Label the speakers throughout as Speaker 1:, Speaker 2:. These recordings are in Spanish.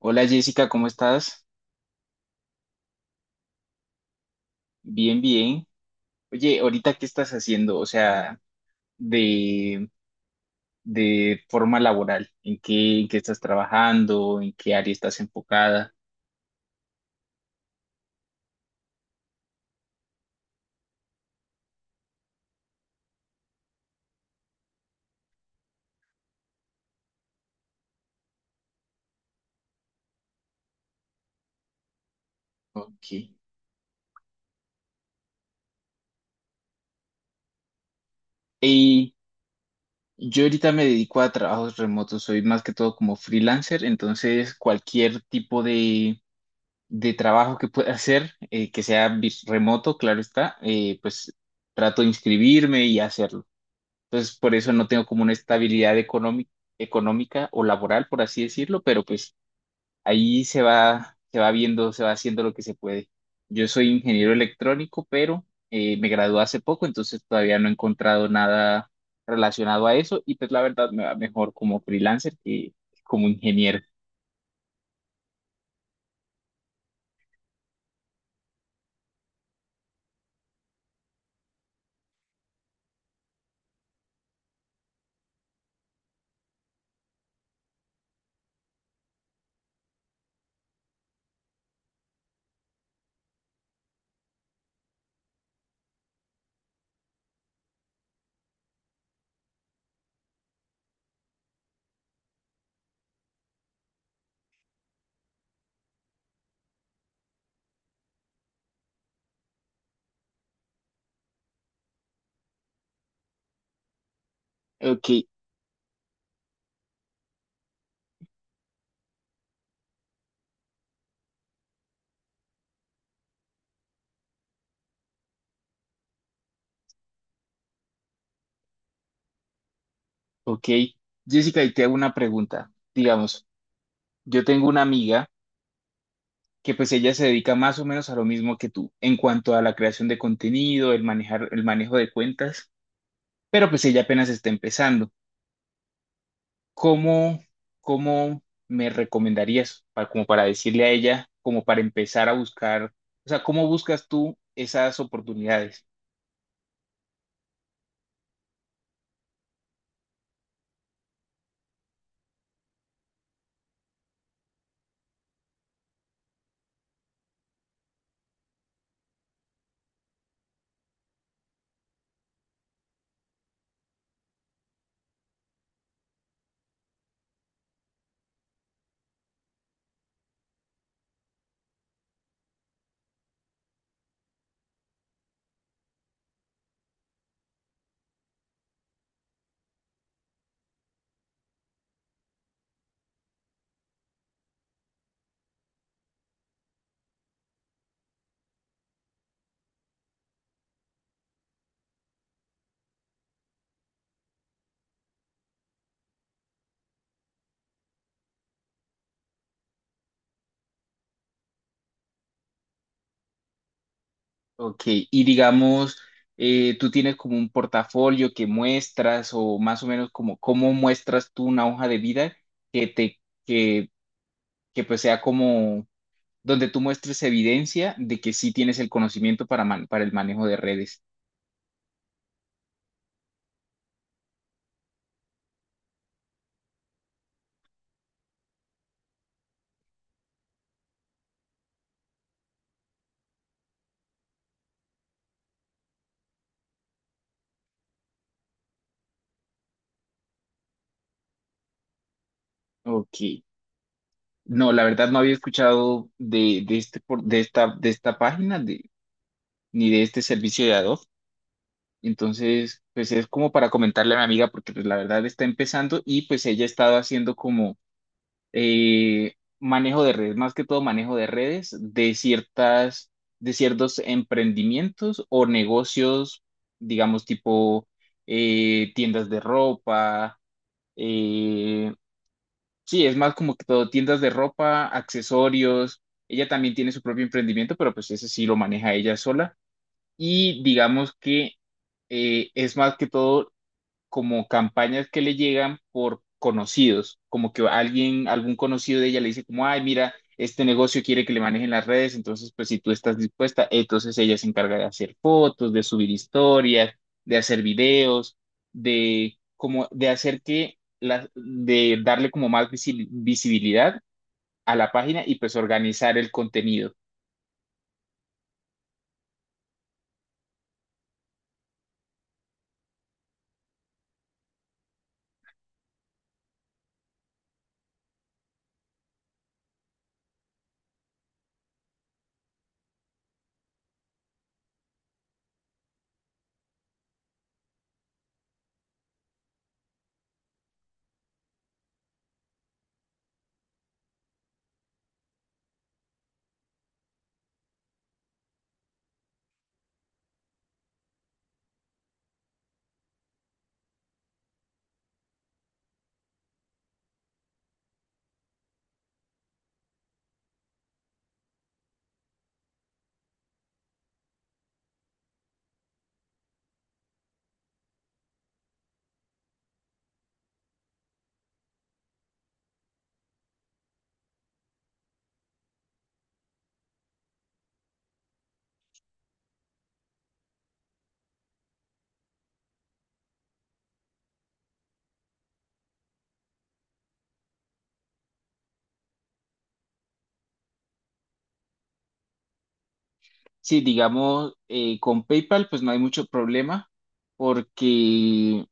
Speaker 1: Hola Jessica, ¿cómo estás? Bien, bien. Oye, ahorita qué estás haciendo, o sea, de, de forma laboral, ¿ en qué estás trabajando? ¿En qué área estás enfocada? Ok. Y yo ahorita me dedico a trabajos remotos, soy más que todo como freelancer, entonces cualquier tipo de trabajo que pueda hacer, que sea vis- remoto, claro está, pues trato de inscribirme y hacerlo. Entonces, por eso no tengo como una estabilidad económica, económica o laboral, por así decirlo, pero pues ahí se va viendo, se va haciendo lo que se puede. Yo soy ingeniero electrónico, pero me gradué hace poco, entonces todavía no he encontrado nada relacionado a eso y pues la verdad me va mejor como freelancer que como ingeniero. Ok, ok. Jessica, y te hago una pregunta. Digamos, yo tengo una amiga. Que pues ella se dedica más o menos a lo mismo que tú en cuanto a la creación de contenido, el manejar, el manejo de cuentas, pero pues ella apenas está empezando. ¿Cómo, cómo me recomendarías para, como para decirle a ella, como para empezar a buscar, o sea, ¿cómo buscas tú esas oportunidades? Ok, y digamos, tú tienes como un portafolio que muestras o más o menos como cómo muestras tú una hoja de vida que te, que, que pues sea como donde tú muestres evidencia de que sí tienes el conocimiento para, man- para el manejo de redes. Ok. No, la verdad no había escuchado este, por- de esta página de, ni de este servicio de Adobe. Entonces, pues es como para comentarle a mi amiga porque pues la verdad está empezando y pues ella ha estado haciendo como eh, manejo de redes, más que todo manejo de redes de ciertas, de ciertos emprendimientos o negocios, digamos tipo tiendas de ropa. Eh, sí, es más como que todo, tiendas de ropa, accesorios. Ella también tiene su propio emprendimiento, pero pues ese sí lo maneja ella sola. Y digamos que es más que todo como campañas que le llegan por conocidos, como que alguien, algún conocido de ella le dice como, ay, mira, este negocio quiere que le manejen las redes, entonces pues si tú estás dispuesta, entonces ella se encarga de hacer fotos, de subir historias, de hacer videos, de como de hacer que la, de darle como más visi- visibilidad a la página y pues organizar el contenido. Sí, digamos, con PayPal pues no hay mucho problema porque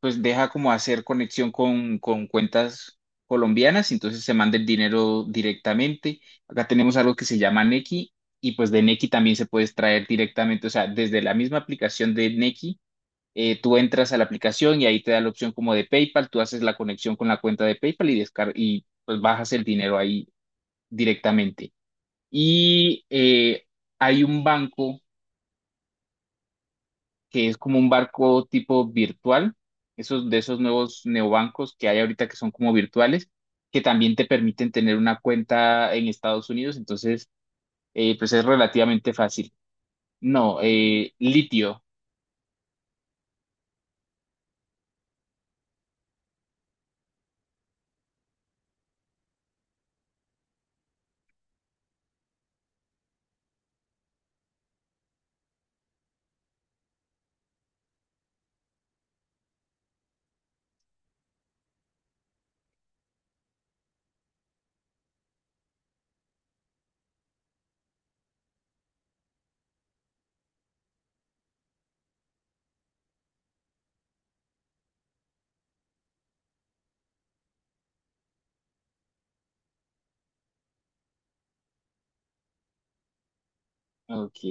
Speaker 1: pues deja como hacer conexión con cuentas colombianas, entonces se manda el dinero directamente. Acá tenemos algo que se llama Nequi y pues de Nequi también se puede extraer directamente, o sea, desde la misma aplicación de Nequi, tú entras a la aplicación y ahí te da la opción como de PayPal, tú haces la conexión con la cuenta de PayPal y, descar y pues bajas el dinero ahí directamente. Y hay un banco que es como un barco tipo virtual, esos de esos nuevos neobancos que hay ahorita que son como virtuales, que también te permiten tener una cuenta en Estados Unidos, entonces pues es relativamente fácil. No, litio. Ok,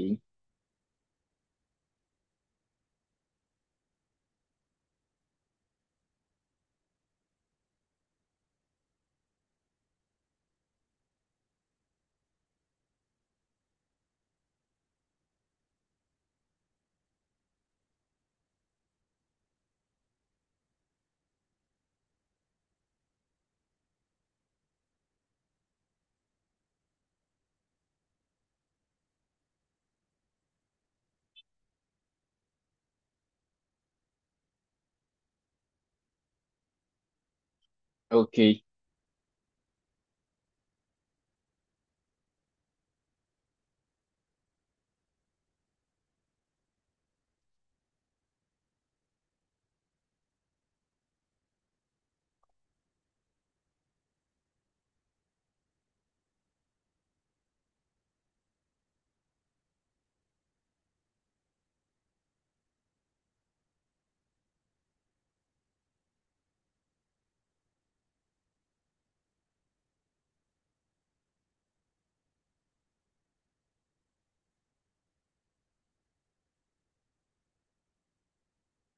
Speaker 1: ok,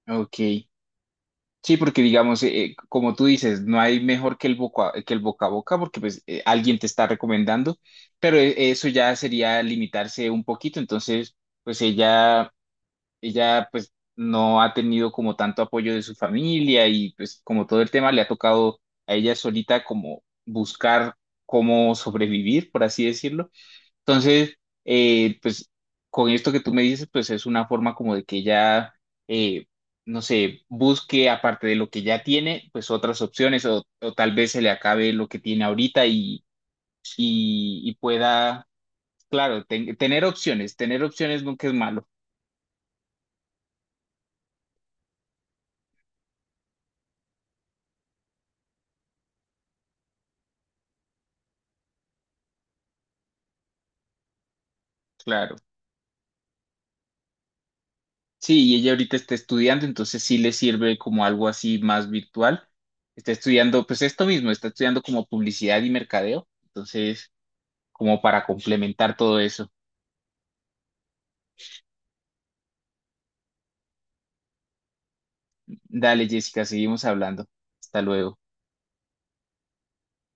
Speaker 1: ok. Sí, porque digamos, como tú dices, no hay mejor que el boca a boca, porque pues alguien te está recomendando, pero eso ya sería limitarse un poquito, entonces pues ella pues no ha tenido como tanto apoyo de su familia y pues como todo el tema le ha tocado a ella solita como buscar cómo sobrevivir, por así decirlo. Entonces, pues con esto que tú me dices, pues es una forma como de que ella, eh, no sé, busque aparte de lo que ya tiene, pues otras opciones o tal vez se le acabe lo que tiene ahorita y pueda, claro, ten- tener opciones nunca es malo, claro. Sí, y ella ahorita está estudiando, entonces sí le sirve como algo así más virtual. Está estudiando, pues esto mismo, está estudiando como publicidad y mercadeo, entonces como para complementar todo eso. Dale, Jessica, seguimos hablando. Hasta luego.